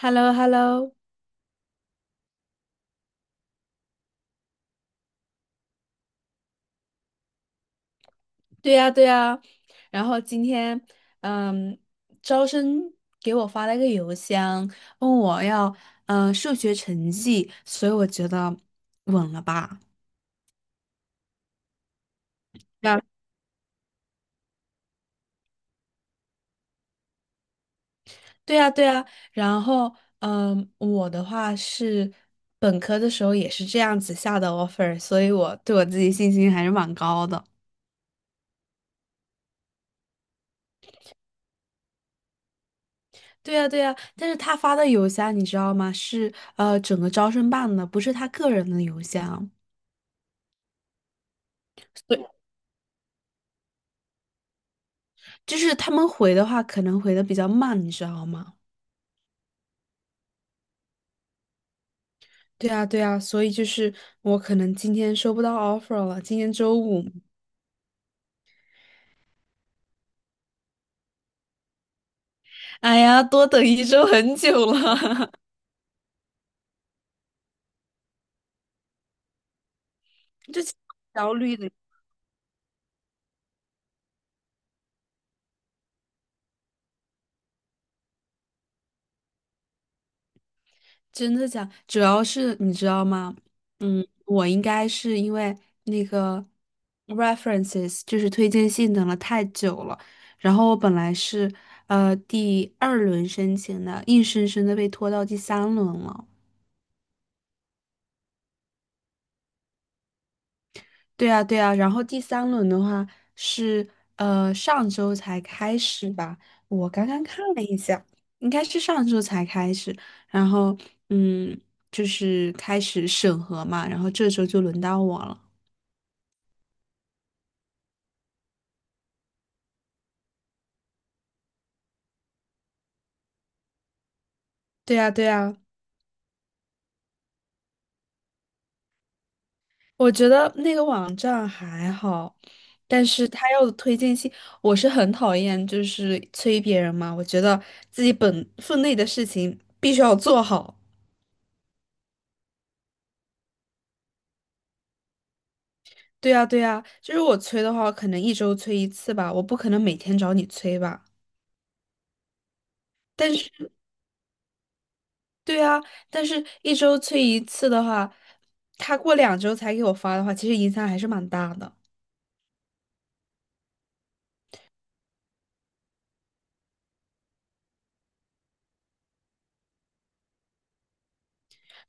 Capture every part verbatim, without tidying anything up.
h e l l o h e l l o 对呀，对呀。然后今天，嗯，招生给我发了一个邮箱，问我要，嗯、数学成绩，所以我觉得稳了吧？然对呀，对呀。然后，嗯，我的话是本科的时候也是这样子下的 offer，所以我对我自己信心还是蛮高的。对呀，对呀。但是他发的邮箱你知道吗？是呃整个招生办的，不是他个人的邮箱。对，就是他们回的话，可能回的比较慢，你知道吗？对啊，对啊，所以就是我可能今天收不到 offer 了，今天周五，哎呀，多等一周很久了，焦虑的。真的假？主要是你知道吗？嗯，我应该是因为那个 references 就是推荐信等了太久了，然后我本来是呃第二轮申请的，硬生生的被拖到第三轮了。对啊，对啊，然后第三轮的话是呃上周才开始吧，我刚刚看了一下，应该是上周才开始，然后嗯，就是开始审核嘛，然后这周就轮到我了。对呀对呀，我觉得那个网站还好，但是他要的推荐信，我是很讨厌，就是催别人嘛，我觉得自己本分内的事情必须要做好。对呀，对呀，就是我催的话，可能一周催一次吧，我不可能每天找你催吧。但是，对啊，但是一周催一次的话，他过两周才给我发的话，其实影响还是蛮大的。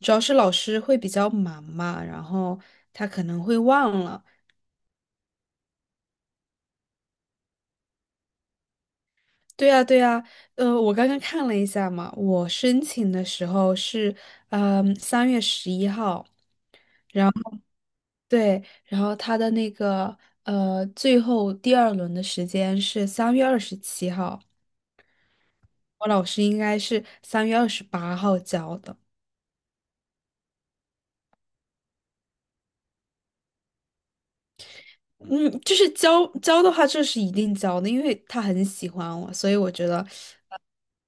主要是老师会比较忙嘛，然后他可能会忘了。对呀，对呀，呃，我刚刚看了一下嘛，我申请的时候是，嗯、三月十一号。然后。对，然后他的那个呃，最后第二轮的时间是三月二十七号，我老师应该是三月二十八号交的。嗯，就是交交的话，这是一定交的，因为他很喜欢我，所以我觉得呃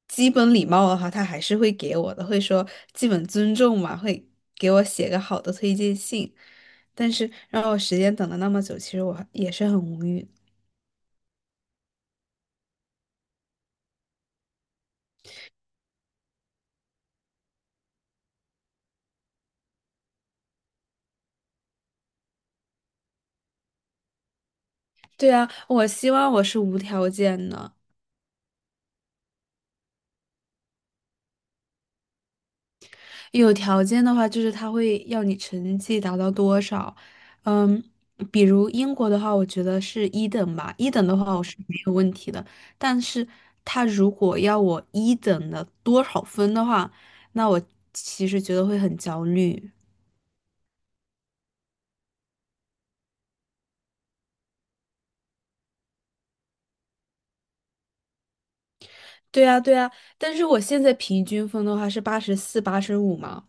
基本礼貌的话，他还是会给我的，会说基本尊重嘛，会给我写个好的推荐信。但是让我时间等了那么久，其实我也是很无语。对啊，我希望我是无条件的。有条件的话，就是他会要你成绩达到多少，嗯，比如英国的话，我觉得是一等吧，一等的话我是没有问题的，但是他如果要我一等的多少分的话，那我其实觉得会很焦虑。对啊，对啊，但是我现在平均分的话是八十四、八十五嘛，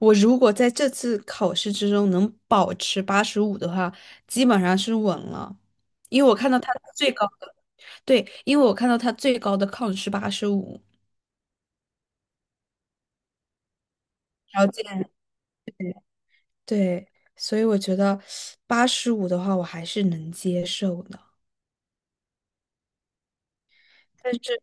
我如果在这次考试之中能保持八十五的话，基本上是稳了，因为我看到他最高。对，因为我看到他最高的 count 是八十五，条件。对，所以我觉得八十五的话，我还是能接受的。但是，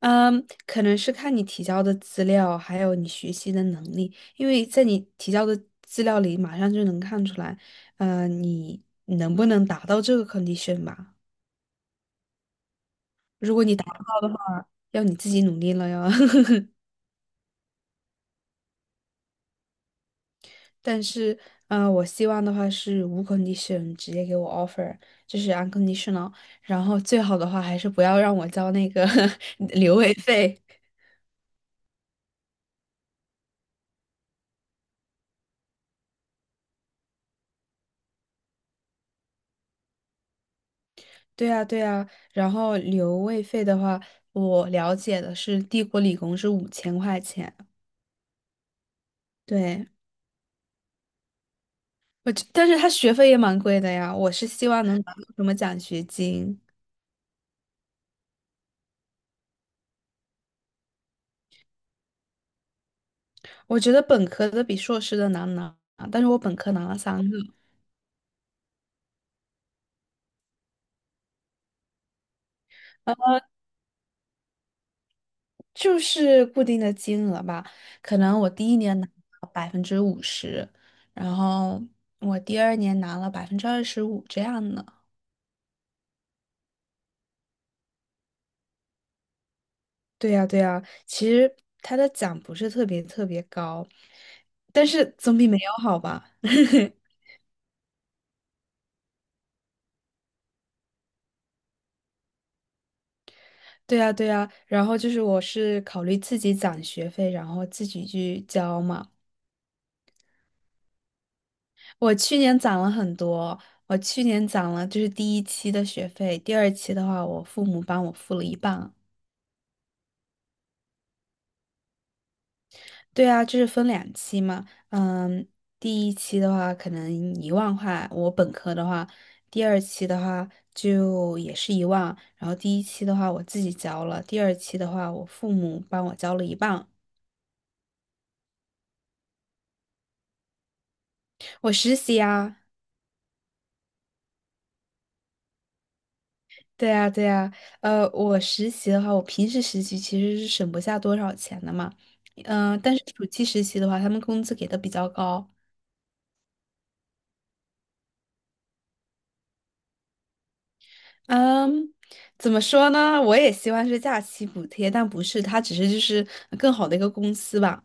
嗯，可能是看你提交的资料，还有你学习的能力，因为在你提交的资料里，马上就能看出来，呃，你能不能达到这个 condition 吧？要你自己努力了哟。但是，嗯、我希望的话是无 condition 直接给我 offer，就是 unconditional。然后最好的话还是不要让我交那个 留位费。对啊，对啊。然后留位费的话，我了解的是帝国理工是五千块钱。对，我觉但是他学费也蛮贵的呀。我是希望能拿到什么奖学金。我觉得本科的比硕士的难拿，但是我本科拿了三个。就是固定的金额吧，可能我第一年拿了百分之五十，然后我第二年拿了百分之二十五这样的。对呀，对呀，其实他的奖不是特别特别高，但是总比没有好吧？对呀，对呀，然后就是我是考虑自己攒学费，然后自己去交嘛。我去年攒了很多，我去年攒了就是第一期的学费，第二期的话我父母帮我付了一半。对啊，就是分两期嘛。嗯，第一期的话可能一万块，我本科的话，第二期的话就也是一万，然后第一期的话我自己交了，第二期的话我父母帮我交了一半。我实习啊，对啊，对啊，呃，我实习的话，我平时实习其实是省不下多少钱的嘛，嗯、但是暑期实习的话，他们工资给的比较高。嗯，怎么说呢？我也希望是假期补贴，但不是，它只是就是更好的一个公司吧。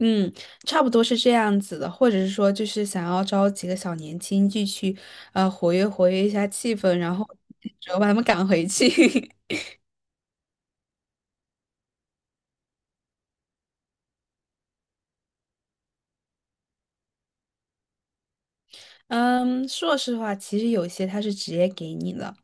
嗯，差不多是这样子的，或者是说就是想要招几个小年轻进去，呃，活跃活跃一下气氛，然后主要把他们赶回去。嗯，硕士的话，其实有些他是直接给你的，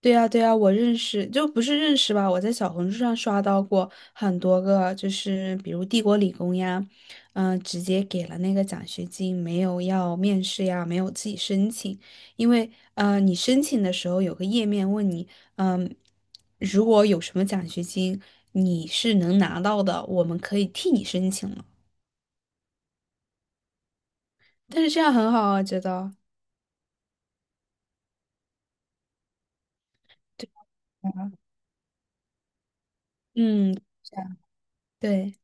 对呀，对呀，我认识，就不是认识吧？我在小红书上刷到过很多个，就是比如帝国理工呀，嗯、直接给了那个奖学金，没有要面试呀，没有自己申请，因为呃，你申请的时候有个页面问你，嗯、如果有什么奖学金，你是能拿到的，我们可以替你申请了。但是这样很好啊，觉得，嗯，是啊，对，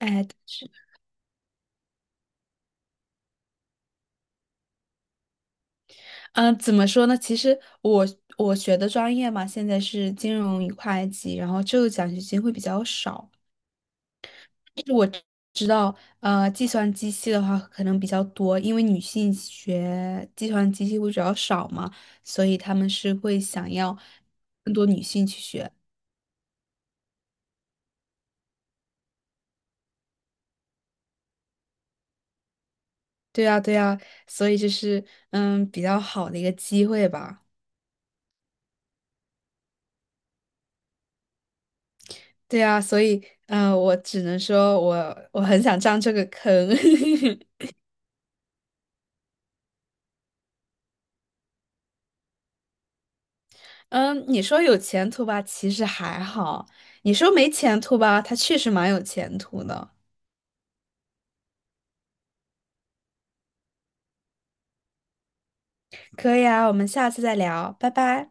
哎。嗯，呃怎么说呢？其实我我学的专业嘛，现在是金融与会计，然后这个奖学金会比较少。但是我知道，呃，计算机系的话可能比较多，因为女性学计算机系会比较少嘛，所以他们是会想要更多女性去学。对啊，对啊，所以这是嗯比较好的一个机会吧。对啊，所以呃，我只能说我我很想上这个坑。嗯，你说有前途吧，其实还好；你说没前途吧，他确实蛮有前途的。可以啊，我们下次再聊，拜拜。